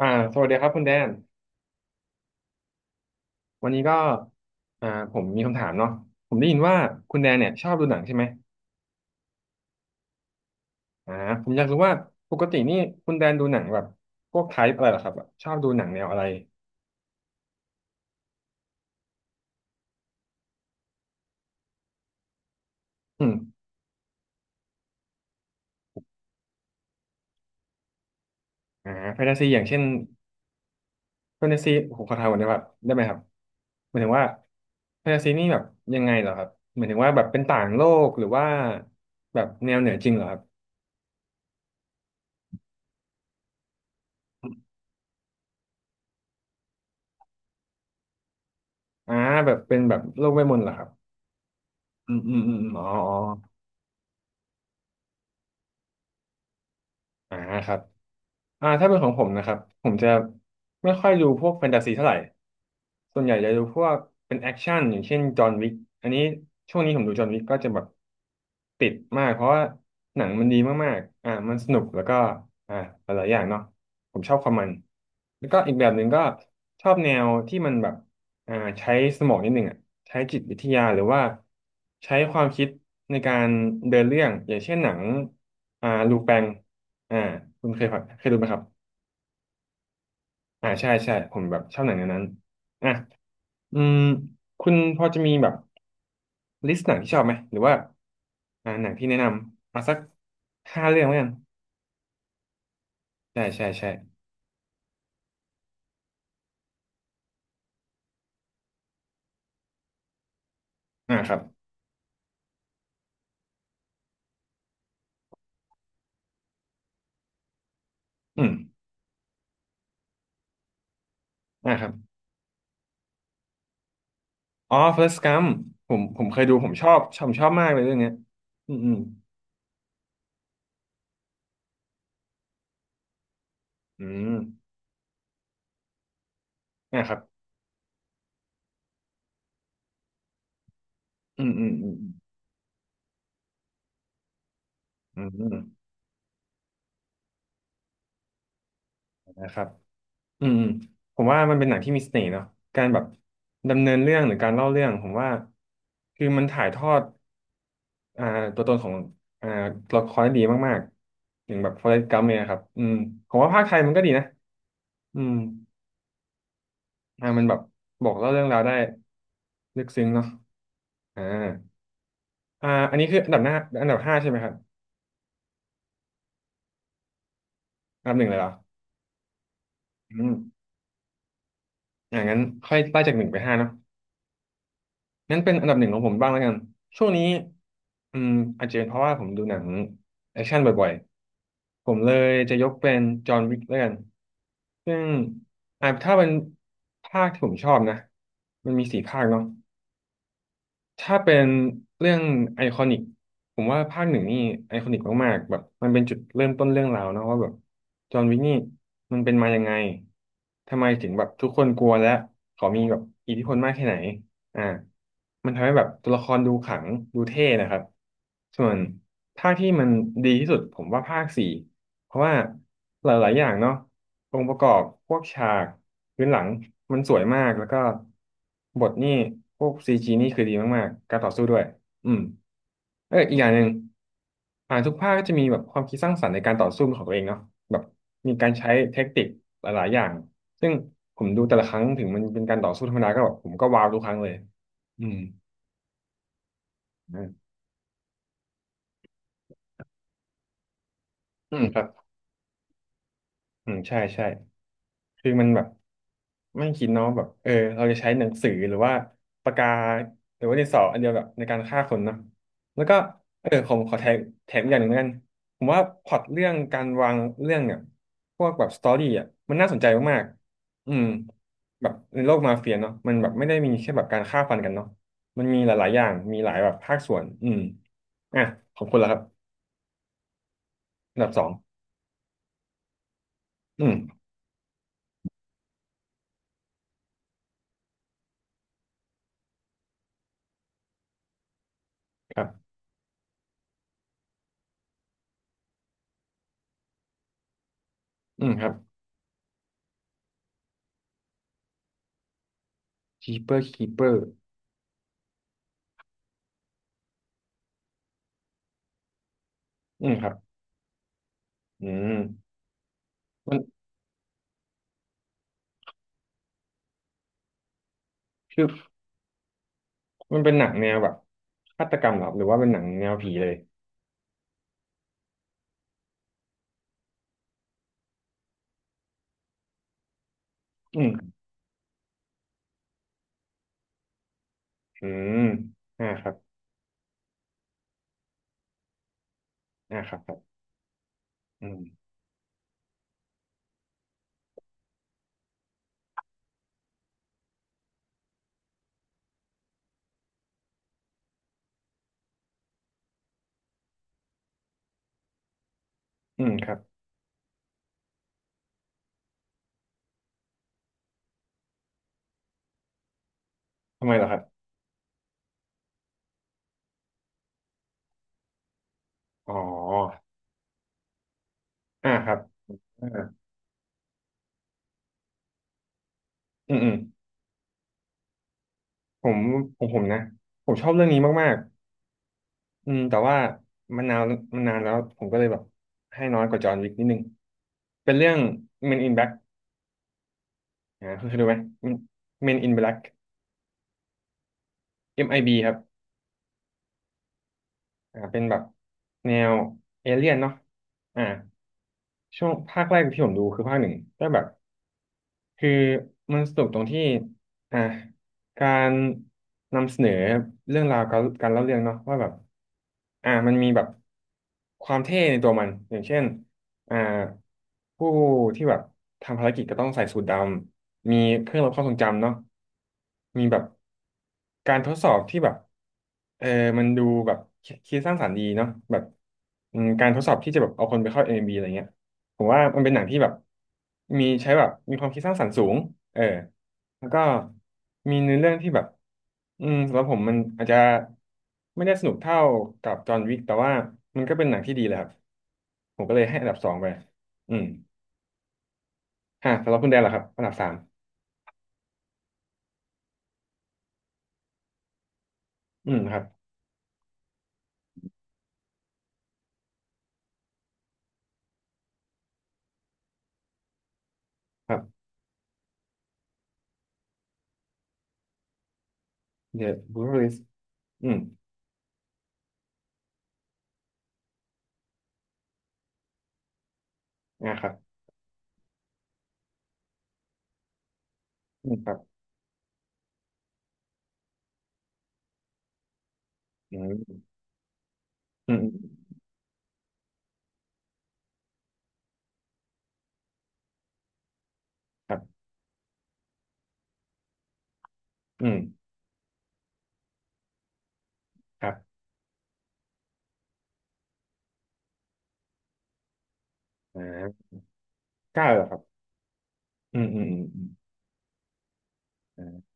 อ่าสวัสดีครับคุณแดนวันนี้ก็ผมมีคำถามเนาะผมได้ยินว่าคุณแดนเนี่ยชอบดูหนังใช่ไหมอ่าผมอยากรู้ว่าปกตินี่คุณแดนดูหนังแบบพวกไทป์อะไรเหรอครับแบบชอบดูหนังแนวอะไรอืมแฟนตาซีอย่างเช่นแฟนตาซีผมขอถามก่อนได้แบบได้ไหมครับหมายถึงว่าแฟนตาซีนี่แบบยังไงเหรอครับหมายถึงว่าแบบเป็นต่างโลกหรือว่าแบบแนวเหนือจริงเหรอครับอ่าแบบเป็นแบบโลกเวทมนต์เหรอครับอืมอืมอืมอมอ๋ออ๋ออ่าครับ ถ้าเป็นของผมนะครับผมจะไม่ค่อยดูพวกแฟนตาซีเท่าไหร่ส่วนใหญ่จะดูพวกเป็นแอคชั่นอย่างเช่นจอห์นวิกอันนี้ช่วงนี้ผมดูจอห์นวิกก็จะแบบติดมากเพราะว่าหนังมันดีมากๆมันสนุกแล้วก็อ่าหลายๆอย่างเนาะผมชอบความมันแล้วก็อีกแบบหนึ่งก็ชอบแนวที่มันแบบ อ่าใช้สมองนิดหนึ่งอ่ะใช้จิตวิทยาหรือว่าใช้ความคิดในการเดินเรื่องอย่างเช่นหนังลูแปงอ่าคุณเคยฟังเคยดูไหมครับใช่ใช่ผมแบบชอบหนังแนวนั้นอ่ะอืมคุณพอจะมีแบบลิสต์หนังที่ชอบไหมหรือว่าหนังที่แนะนำเอาสักห้าเรื่องแล้วกันใช่ใช่ใช่อ่าครับอืมอ่าครับอ๋อ Forrest Gump ผมเคยดูผมชอบมากเลยเรื่องเนี้ยอืมอืมอืม นะครับอืมอืมอืมอืมอืมนะครับอืมอืมผมว่ามันเป็นหนังที่มีเสน่ห์เนาะการแบบดำเนินเรื่องหรือการเล่าเรื่องผมว่าคือมันถ่ายทอดอ่าตัวตนของอ่าตัวละครได้ดีมากๆอย่างแบบ Forrest Gump เนี่ยครับอืมผมว่าภาคไทยมันก็ดีนะอืมมันแบบบอกเล่าเรื่องราวได้ลึกซึ้งเนาะอ่าอันนี้คืออันดับหน้าอันดับห้าใช่ไหมครับอันดับหนึ่งเลยเหรออืมงั้นค่อยไล่จากหนึ่งไปห้าเนาะ งั้นเป็นอันดับหนึ่งของผมบ้างแล้วกัน ช่วงนี้อืมอาจจะเป็นเพราะว่าผมดูหนังแอคชั่นบ่อยๆ ผมเลยจะยกเป็นจอห์นวิกแล้วกันซึ่งถ้าเป็นภาคที่ผมชอบนะมันมีสี่ภาคเนาะ ถ้าเป็นเรื่องไอคอนิกผมว่าภาคหนึ่งนี่ไอคอนิกมากๆแบบมันเป็นจุดเริ่มต้นเรื่องราวเนอะว่าแบบจอห์นวิกนี่มันเป็นมายังไงทำไมถึงแบบทุกคนกลัวและเขามีแบบอิทธิพลมากแค่ไหนอ่ามันทำให้แบบตัวละครดูขลังดูเท่นะครับส่วนภาคที่มันดีที่สุดผมว่าภาคสี่ เพราะว่าหลายๆอย่างเนาะองค์ประกอบพวกฉากพื้นหลังมันสวยมากแล้วก็บทนี่พวกซีจีนี่คือดีมากๆการต่อสู้ด้วยอืมเอออีกอย่างหนึ่งทุกภาคก็จะมีแบบความคิดสร้างสรรค์ในการต่อสู้ของตัวเองเนาะแบบมีการใช้เทคนิคหลายๆอย่างซึ่งผมดูแต่ละครั้งถึงมันเป็นการต่อสู้ธรรมดาก็แบบผมก็ว้าวทุกครั้งเลยอืมอืมอืมครับอืมใช่ใช่คือมันแบบ ไม่คิดเนาะแบบเออเราจะใช้หนังสือหรือว่าปากกาหรือว่าดินสออันเดียวแบบในการฆ่าคนเนาะแล้วก็เออผมขอแถมอีกอย่างหนึ่งแล้วกันผมว่าพล็อตเรื่องการวางเรื่องเนี่ยพวกแบบสตอรี่อ่ะมันน่าสนใจมากๆอืมแบบในโลกมาเฟียเนาะมันแบบไม่ได้มีแค่แบบการฆ่าฟันกันเนาะมันมีหลายๆอย่างมีหลายแบบภาคส่วนอืมอ่ะของคุณละครับอันดับสองอืมครับอืมครับ Keeper Keeper อืมครับอืมมันคือ มันเป็นหนังแนวแบบฆาตกรรมเหรอหรือว่าเป็นหนังแนวผีเลย อืมอืมอ่าครับอ่าครับครับอืมอืมครับ ทำไมเหรอครับ อ๋ออ่าครับอ่าอืมอืมผมผมผมนะผมชอบเรื่องนี้มากๆอืมแต่ว่ามันนานมันนานแล้วผมก็เลยแบบให้น้อยกว่าจอห์นวิกนิดนึง เป็นเรื่อง Men in Black คุณเคยดูไหม Men Men in Black MIB ครับเป็นแบบแนวเอเลี่ยนเนาะอ่า ช่วงภาคแรกที่ผมดูคือภาคหนึ่งแต่แบบคือมันสนุกตรงที่อ่ะการนำเสนอเรื่องราวการเล่าเรื่องเนาะว่าแบบอ่ะมันมีแบบความเท่ในตัวมันอย่างเช่นอ่าผู้ที่แบบทำภารกิจก็ต้องใส่สูทดำมีเครื่องลดความทรงจำเนาะมีแบบการทดสอบที่แบบเออมันดูแบบคิดสร้างสรรค์ดีเนาะแบบอืมการทดสอบที่จะแบบเอาคนไปเข้า m บ b อะไรเงี้ย ผมว่ามันเป็นหนังที่แบบมีใช้แบบมีความคิดสร้างสรรค์สูงเออแล้วก็มีเนื้อเรื่องที่แบบอืมสำหรับผมมันอาจจะไม่ได้สนุกเท่ากับจอห์นวิกแต่ว่ามันก็เป็นหนังที่ดีเลยครับผมก็เลยให้อันดับสองไปอืมฮะสำหรับคุณแดนเหรอครับอันดับสามอืมครับครับ The Brutalist อืมอ่าครับอืมครับอืมอืมอืมครับอืมครับอ่าเก้าเหรอครับอืมอืมอืมอืมอ่า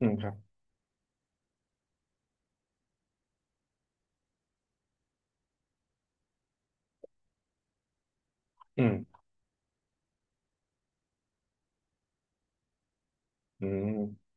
อืมครับอืมอืม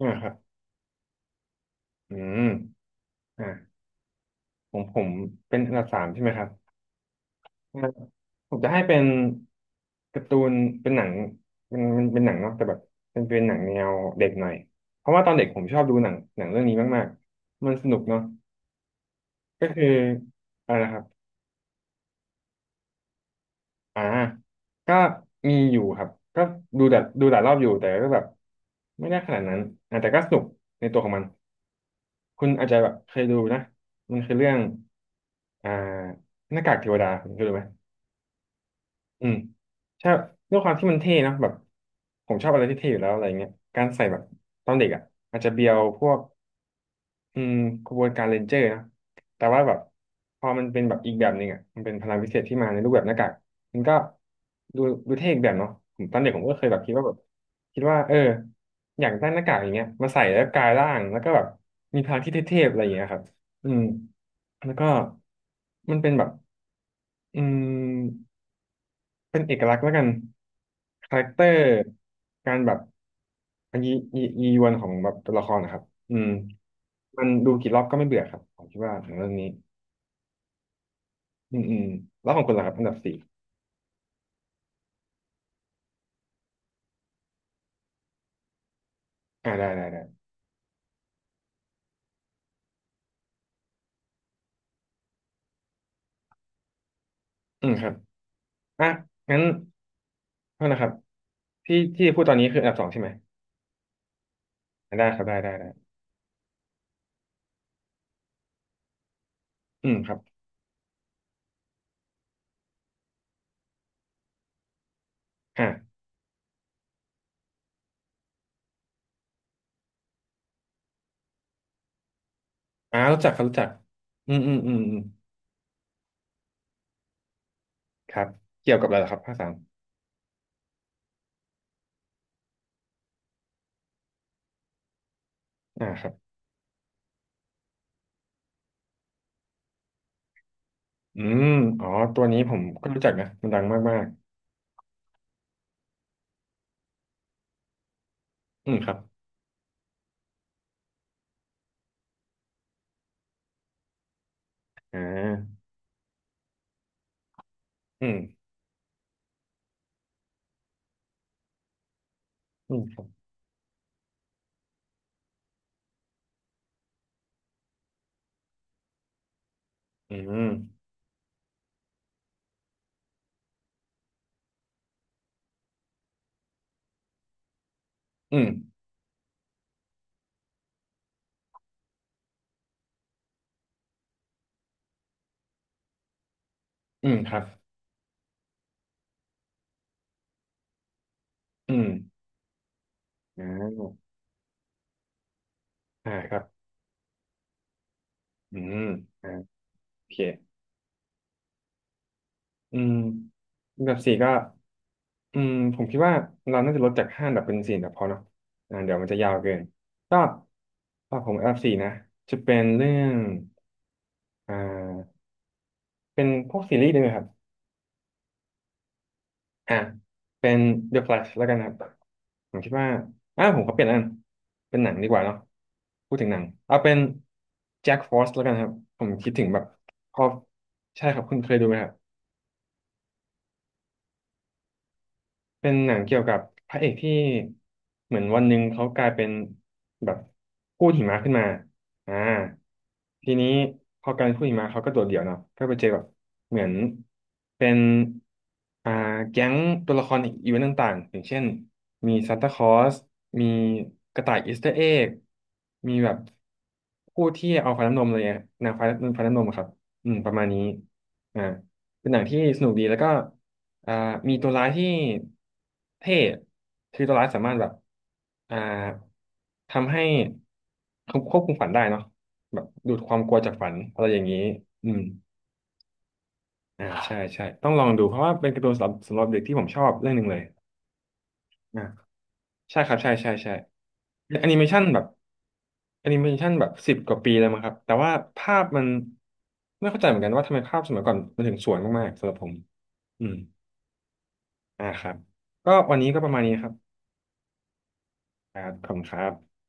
อ่าครับ อืมอ่าผมเป็นอันดับสามใช่ไหมครับอ่าผมจะให้เป็นการ์ตูนเป็นหนังมันเป็นหนังเนาะแต่แบบเป็นหนังแนวเด็กหน่อยเพราะว่าตอนเด็กผมชอบดูหนังหนังเรื่องนี้มากๆมันสนุกเนาะก็คืออะไรนะครับอ่าก็มีอยู่ครับก็ดูแต่ดูหลายรอบอยู่แต่ก็แบบไม่ได้ขนาดนั้นอ่าแต่ก็สนุกในตัวของมันคุณอาจจะแบบเคยดูนะมันคือเรื่องอ่าหน้ากากเทวดาคุณเคยดูไหม อืมใช่ด้วยความที่มันเท่นะแบบผมชอบอะไรที่เท่อยู่แล้วอะไรเงี้ยการใส่แบบตอนเด็กอ่ะอาจจะเบียวพวกอืมขบวนการเรนเจอร์นะแต่ว่าแบบพอมันเป็นแบบอีกแบบหนึ่งอ่ะมันเป็นพลังพิเศษที่มาในรูปแบบหน้ากากมันก็ดูดูเท่อีกแบบเนาะผมตอนเด็กผมก็เคยแบบคิดว่าแบบคิดว่าเอออยากได้หน้ากากอย่างเงี้ยมาใส่แล้วกลายร่างแล้วก็แบบมีพลังที่เท่ๆอะไรอย่างเงี้ยครับอืมแล้วก็มันเป็นแบบอืม เป็นเอกลักษณ์แล้วกันคาแรคเตอร์การแบบยียีวันของแบบตัวละครนะครับอืมมันดูกี่รอบก็ไม่เบื่อครับผมคิดว่าหนังเรื่องนี้อืมอืมแล้วของคุณล่ะครับอันดับสี่อ่าได้ได้ได้อืมครับอ่ะงั้นโทษนะครับที่ที่พูดตอนนี้คืออันดับสองใช่ไหมอ่ะได้ครับได้ได้ได้อืมครับอ่าอ่ารู้จักครับรู้จักอืมอืมอืมอืมครับเกี่ยวกับอะไรเหรอครับภาคสามอ่าครับอืมอ๋อตัวนี้ผมก็รู้จักนะมันดังมากๆอืมครับอ่า อืม อืมครับ อืม อืม อืมครับอืมอ่าอ่าครับอืมอ่าโอเคอืมอันดับสี่ก็อืมผมคิดว่าเราน่าจะลดจากห้าอันดับเป็นสี่อันดับพอเนาะอ่าเดี๋ยวมันจะยาวเกินก็ก็ผมอันดับสี่นะ จะเป็นเรื่องอ่าเป็นพวกซีรีส์ได้ไหมครับ อ่ะเป็น The Flash แล้วกันครับผมคิดว่าอ่าผมขอเปลี่ยนอันเป็นหนังดีกว่าเนาะพูดถึงหนังเอาเป็น Jack Frost แล้วกันครับผมคิดถึงแบบพอใช่ครับคุณเคยดูไหมครับ เป็นหนังเกี่ยวกับพระเอกที่เหมือนวันหนึ่งเขากลายเป็นแบบกู้หิมะขึ้นมาอ่าทีนี้พอกลายเป็นกู้หิมะเขาก็โดดเดี่ยวเนาะก็ไปเจอแบบเหมือนเป็นอ่าแก๊งตัวละครอีเวนต์ต่างๆอย่างเช่นมีซานตาคลอสมีกระต่ายอีสเตอร์เอ็กมีแบบผู้ที่เอาฟ้าน้ำนมอะไรเงี้ยนางฟ้าฟ้าน้ำนมอะครับอืมประมาณนี้อ่าเป็นหนังที่สนุกดีแล้วก็ อ่ามีตัวร้ายที่เท่คือตัวร้ายสามารถแบบอ่าทำให้ควบคุมฝันได้เนาะแบบดูดความกลัวจากฝันอะไรอย่างนี้อืมอ่าใช่ใช่ต้องลองดูเพราะว่าเป็นการ์ตูนสำหรับเด็กที่ผมชอบเรื่องหนึ่งเลยอ่าใช่ครับใช่ใช่ใช่แอนิเมชันแบบแอนิเมชันแบบ10 กว่าปีแล้วมั้งครับแต่ว่าภาพมันไม่เข้าใจเหมือนกันว่าทำไมภาพสมัยก่อนมันถึงสวยมากๆสำหรับผมอืมอ่าครับก็วันนี้ก็ประมาณนี้ครับ ครับขอบคุณครับ